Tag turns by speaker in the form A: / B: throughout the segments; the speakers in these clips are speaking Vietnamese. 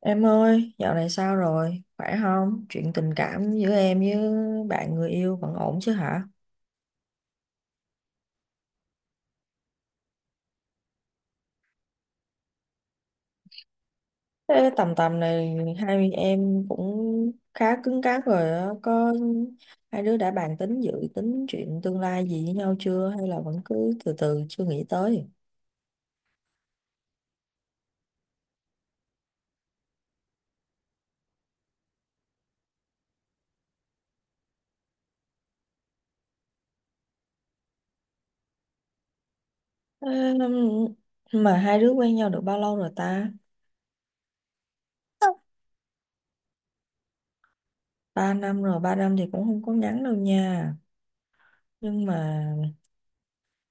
A: Em ơi, dạo này sao rồi? Khỏe không? Chuyện tình cảm giữa em với bạn người yêu vẫn ổn chứ hả? Thế tầm tầm này hai em cũng khá cứng cáp rồi á. Có hai đứa đã bàn tính dự tính chuyện tương lai gì với nhau chưa? Hay là vẫn cứ từ từ chưa nghĩ tới? Ê, mà hai đứa quen nhau được bao lâu rồi ta? 3 năm rồi, 3 năm thì cũng không có ngắn đâu nha. Nhưng mà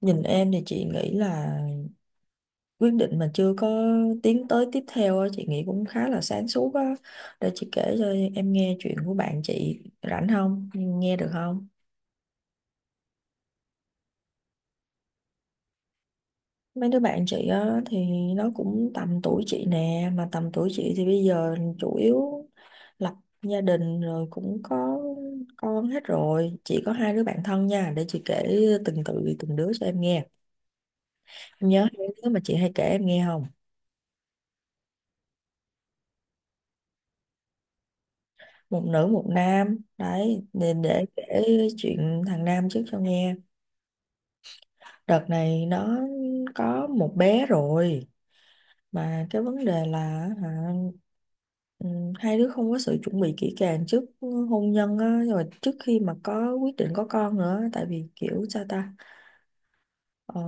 A: nhìn em thì chị nghĩ là quyết định mà chưa có tiến tới tiếp theo á, chị nghĩ cũng khá là sáng suốt á. Để chị kể cho em nghe chuyện của bạn chị, rảnh không, nghe được không? Mấy đứa bạn chị á thì nó cũng tầm tuổi chị nè, mà tầm tuổi chị thì bây giờ chủ yếu lập gia đình rồi, cũng có con hết rồi. Chị có hai đứa bạn thân nha, để chị kể từng đứa cho em nghe. Em nhớ hai đứa mà chị hay kể em nghe không? Một nữ một nam đấy, để kể chuyện thằng nam trước cho nghe. Đợt này nó có một bé rồi, mà cái vấn đề là, hả, ừ, hai đứa không có sự chuẩn bị kỹ càng trước hôn nhân á, rồi trước khi mà có quyết định có con nữa, tại vì kiểu sao ta, ờ,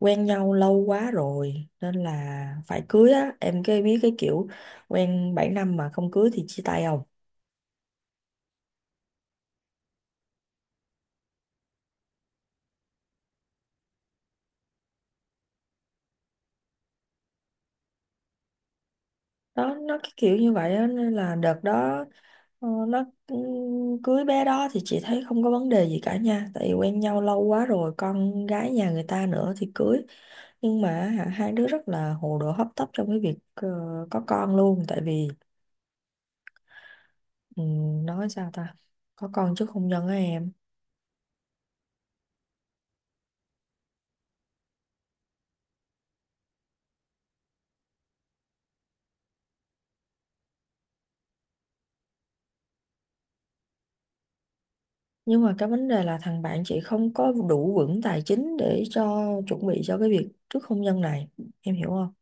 A: quen nhau lâu quá rồi nên là phải cưới á em, cái biết cái kiểu quen 7 năm mà không cưới thì chia tay không. Đó, nó cái kiểu như vậy á, nên là đợt đó nó cũng cưới bé đó thì chị thấy không có vấn đề gì cả nha, tại vì quen nhau lâu quá rồi, con gái nhà người ta nữa thì cưới. Nhưng mà, hai đứa rất là hồ đồ hấp tấp trong cái việc có con luôn, tại vì nói sao ta, có con chứ không nhân á em. Nhưng mà cái vấn đề là thằng bạn chị không có đủ vững tài chính để cho chuẩn bị cho cái việc trước hôn nhân này, em hiểu không?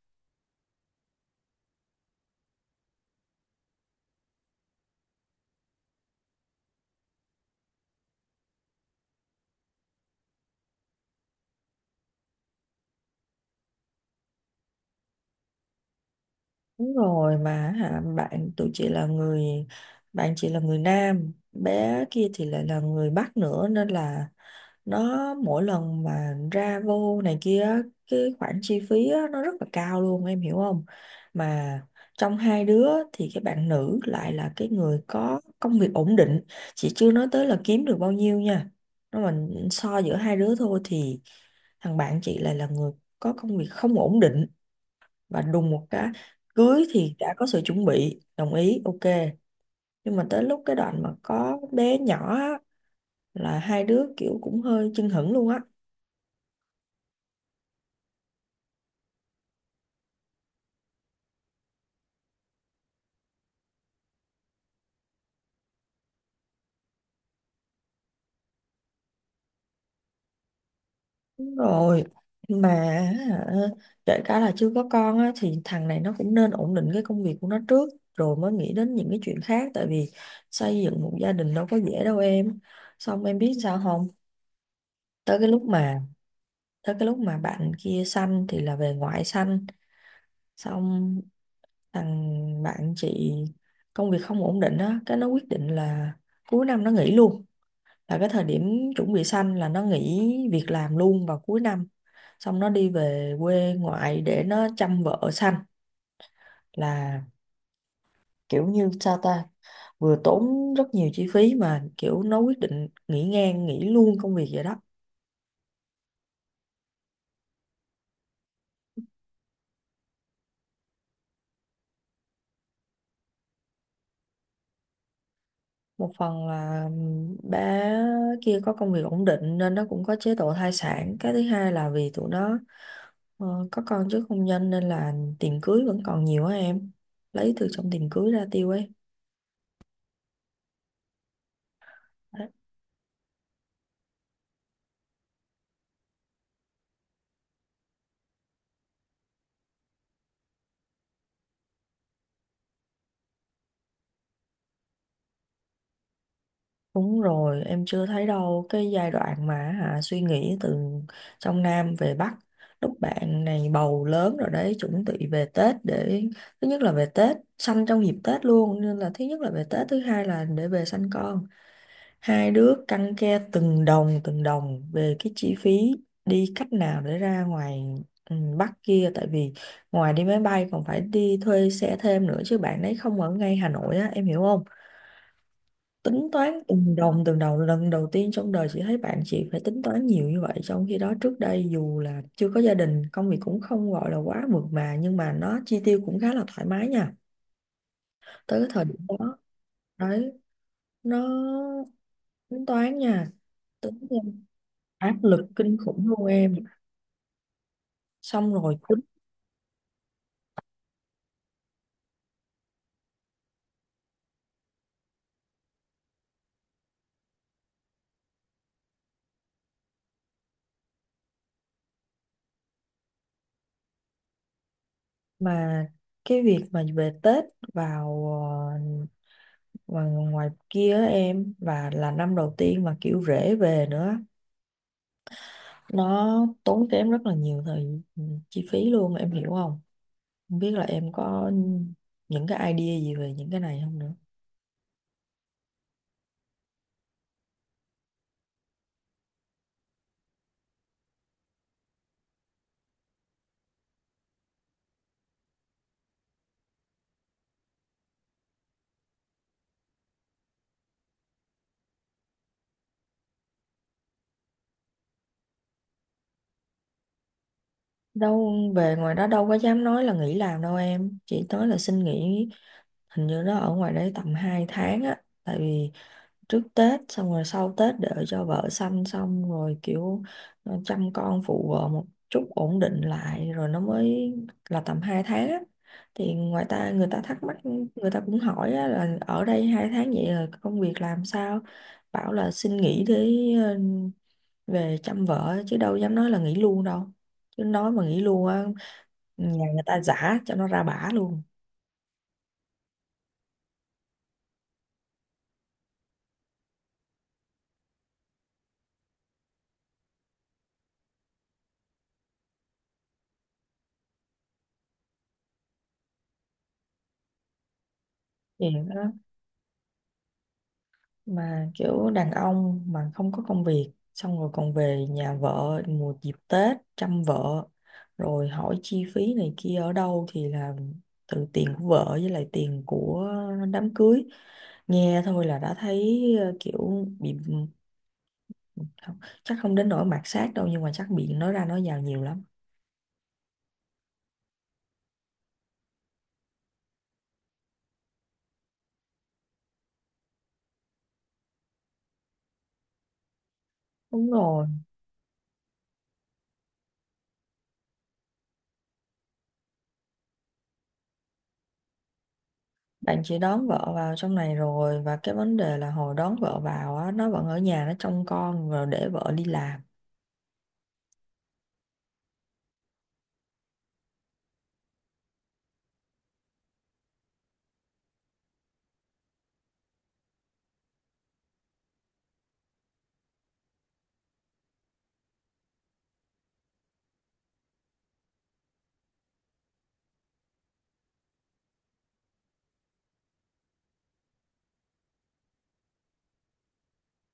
A: Đúng rồi, mà bạn chị là người Nam, bé kia thì lại là người Bắc nữa, nên là nó mỗi lần mà ra vô này kia á, cái khoản chi phí á, nó rất là cao luôn, em hiểu không? Mà trong hai đứa thì cái bạn nữ lại là cái người có công việc ổn định, chị chưa nói tới là kiếm được bao nhiêu nha, nó mình so giữa hai đứa thôi thì thằng bạn chị lại là người có công việc không ổn định. Và đùng một cái, cưới thì đã có sự chuẩn bị, đồng ý, ok, nhưng mà tới lúc cái đoạn mà có bé nhỏ á, là hai đứa kiểu cũng hơi chưng hửng luôn á. Đúng rồi, mà hả, kể cả là chưa có con á, thì thằng này nó cũng nên ổn định cái công việc của nó trước, rồi mới nghĩ đến những cái chuyện khác, tại vì xây dựng một gia đình đâu có dễ đâu em. Xong em biết sao không, tới cái lúc mà tới cái lúc mà bạn kia sanh thì là về ngoại sanh. Xong, thằng bạn chị công việc không ổn định á, cái nó quyết định là cuối năm nó nghỉ luôn. Là cái thời điểm chuẩn bị sanh là nó nghỉ việc làm luôn vào cuối năm. Xong nó đi về quê ngoại để nó chăm vợ sanh. Là kiểu như sao ta, vừa tốn rất nhiều chi phí mà kiểu nó quyết định nghỉ ngang, nghỉ luôn công việc vậy đó. Một phần là bé kia có công việc ổn định nên nó cũng có chế độ thai sản. Cái thứ hai là vì tụi nó có con trước hôn nhân nên là tiền cưới vẫn còn nhiều á em, lấy từ trong tiền cưới ra tiêu ấy. Đúng rồi, em chưa thấy đâu, cái giai đoạn mà suy nghĩ từ trong Nam về Bắc. Lúc bạn này bầu lớn rồi đấy, chuẩn bị về Tết để, thứ nhất là về Tết, sanh trong dịp Tết luôn, nên là thứ nhất là về Tết, thứ hai là để về sanh con. Hai đứa căng ke từng đồng về cái chi phí đi cách nào để ra ngoài Bắc kia, tại vì ngoài đi máy bay còn phải đi thuê xe thêm nữa, chứ bạn đấy không ở ngay Hà Nội á, em hiểu không? Tính toán từng đồng từng đồng, lần đầu tiên trong đời chị thấy bạn chị phải tính toán nhiều như vậy, trong khi đó trước đây dù là chưa có gia đình, công việc cũng không gọi là quá mượt mà, nhưng mà nó chi tiêu cũng khá là thoải mái nha. Tới cái thời điểm đó đấy, nó tính toán nha, tính em áp lực kinh khủng luôn em. Xong rồi tính, mà cái việc mà về Tết vào ờ, ngoài kia á em, và là năm đầu tiên mà kiểu rể về nữa, nó tốn kém rất là nhiều chi phí luôn, em hiểu không? Không biết là em có những cái idea gì về những cái này không nữa. Đâu, về ngoài đó đâu có dám nói là nghỉ làm đâu em, chỉ nói là xin nghỉ. Hình như nó ở ngoài đấy tầm 2 tháng á, tại vì trước Tết xong rồi sau Tết đợi cho vợ sanh xong rồi kiểu chăm con phụ vợ một chút ổn định lại rồi nó mới, là tầm 2 tháng á. Thì ngoài ta người ta thắc mắc, người ta cũng hỏi á, là ở đây 2 tháng vậy rồi công việc làm sao? Bảo là xin nghỉ để ờ, về chăm vợ chứ đâu dám nói là nghỉ luôn đâu. Chứ nói mà nghỉ luôn á, nhà người ta giả cho nó ra bả luôn. Thì nó, mà kiểu đàn ông mà không có công việc, xong rồi còn về nhà vợ mùa dịp Tết chăm vợ, rồi hỏi chi phí này kia ở đâu thì là từ tiền của vợ với lại tiền của đám cưới, nghe thôi là đã thấy kiểu bị, không, chắc không đến nỗi mạt sát đâu nhưng mà chắc bị nói ra nói vào nhiều lắm. Đúng rồi, bạn chỉ đón vợ vào trong này rồi, và cái vấn đề là hồi đón vợ vào á, nó vẫn ở nhà nó trông con rồi để vợ đi làm.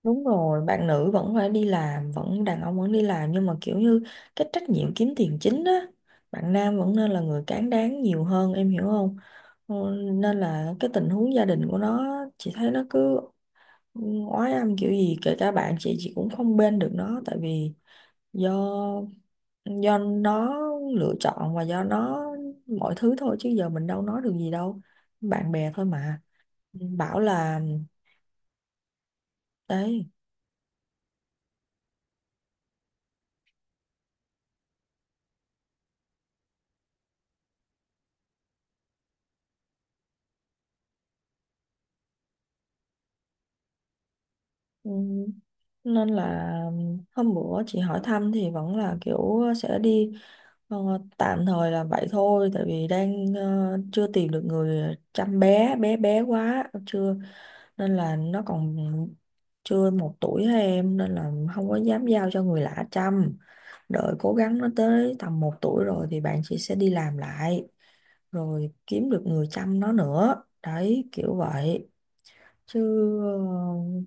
A: Đúng rồi, bạn nữ vẫn phải đi làm, vẫn đàn ông vẫn đi làm, nhưng mà kiểu như cái trách nhiệm kiếm tiền chính á, bạn nam vẫn nên là người cán đáng nhiều hơn, em hiểu không? Ờ, Nên là cái tình huống gia đình của nó, chị thấy nó cứ ừ, oái âm kiểu gì, kể cả bạn chị cũng không bên được nó, tại vì do nó lựa chọn và do nó mọi thứ thôi, chứ giờ mình đâu nói được gì đâu. Bạn bè thôi mà. Bảo là đấy. Ừ. Nên là hôm bữa chị hỏi thăm thì vẫn là kiểu sẽ đi, ờ, tạm thời là vậy thôi, tại vì đang chưa tìm được người chăm, bé bé bé quá chưa, nên là nó còn chưa 1 tuổi thôi em, nên là không có dám giao cho người lạ chăm. Đợi cố gắng nó tới tầm 1 tuổi rồi thì bạn chị sẽ đi làm lại, rồi kiếm được người chăm nó nữa, đấy kiểu vậy chứ. ờ,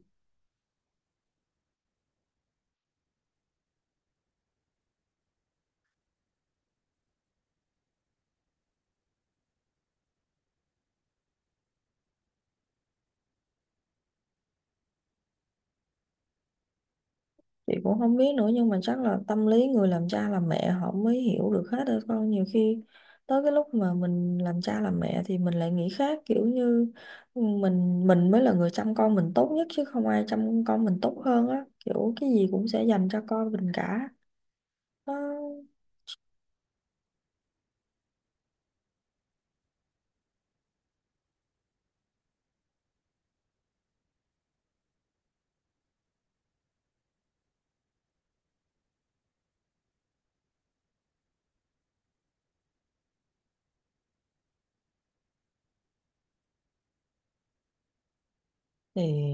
A: chị cũng không biết nữa, nhưng mà chắc là tâm lý người làm cha làm mẹ họ mới hiểu được hết thôi con, nhiều khi tới cái lúc mà mình làm cha làm mẹ thì mình lại nghĩ khác, kiểu như mình mới là người chăm con mình tốt nhất chứ không ai chăm con mình tốt hơn á, kiểu cái gì cũng sẽ dành cho con mình cả. Nó- thì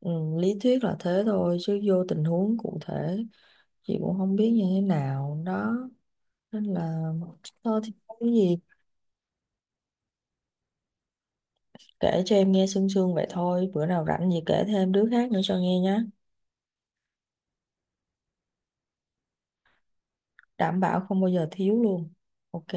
A: ừ, lý thuyết là thế thôi, chứ vô tình huống cụ thể chị cũng không biết như thế nào đó, nên là thôi thì không có gì. Kể cho em nghe sương sương vậy thôi, bữa nào rảnh gì kể thêm đứa khác nữa cho nghe nhé. Đảm bảo không bao giờ thiếu luôn. Ok.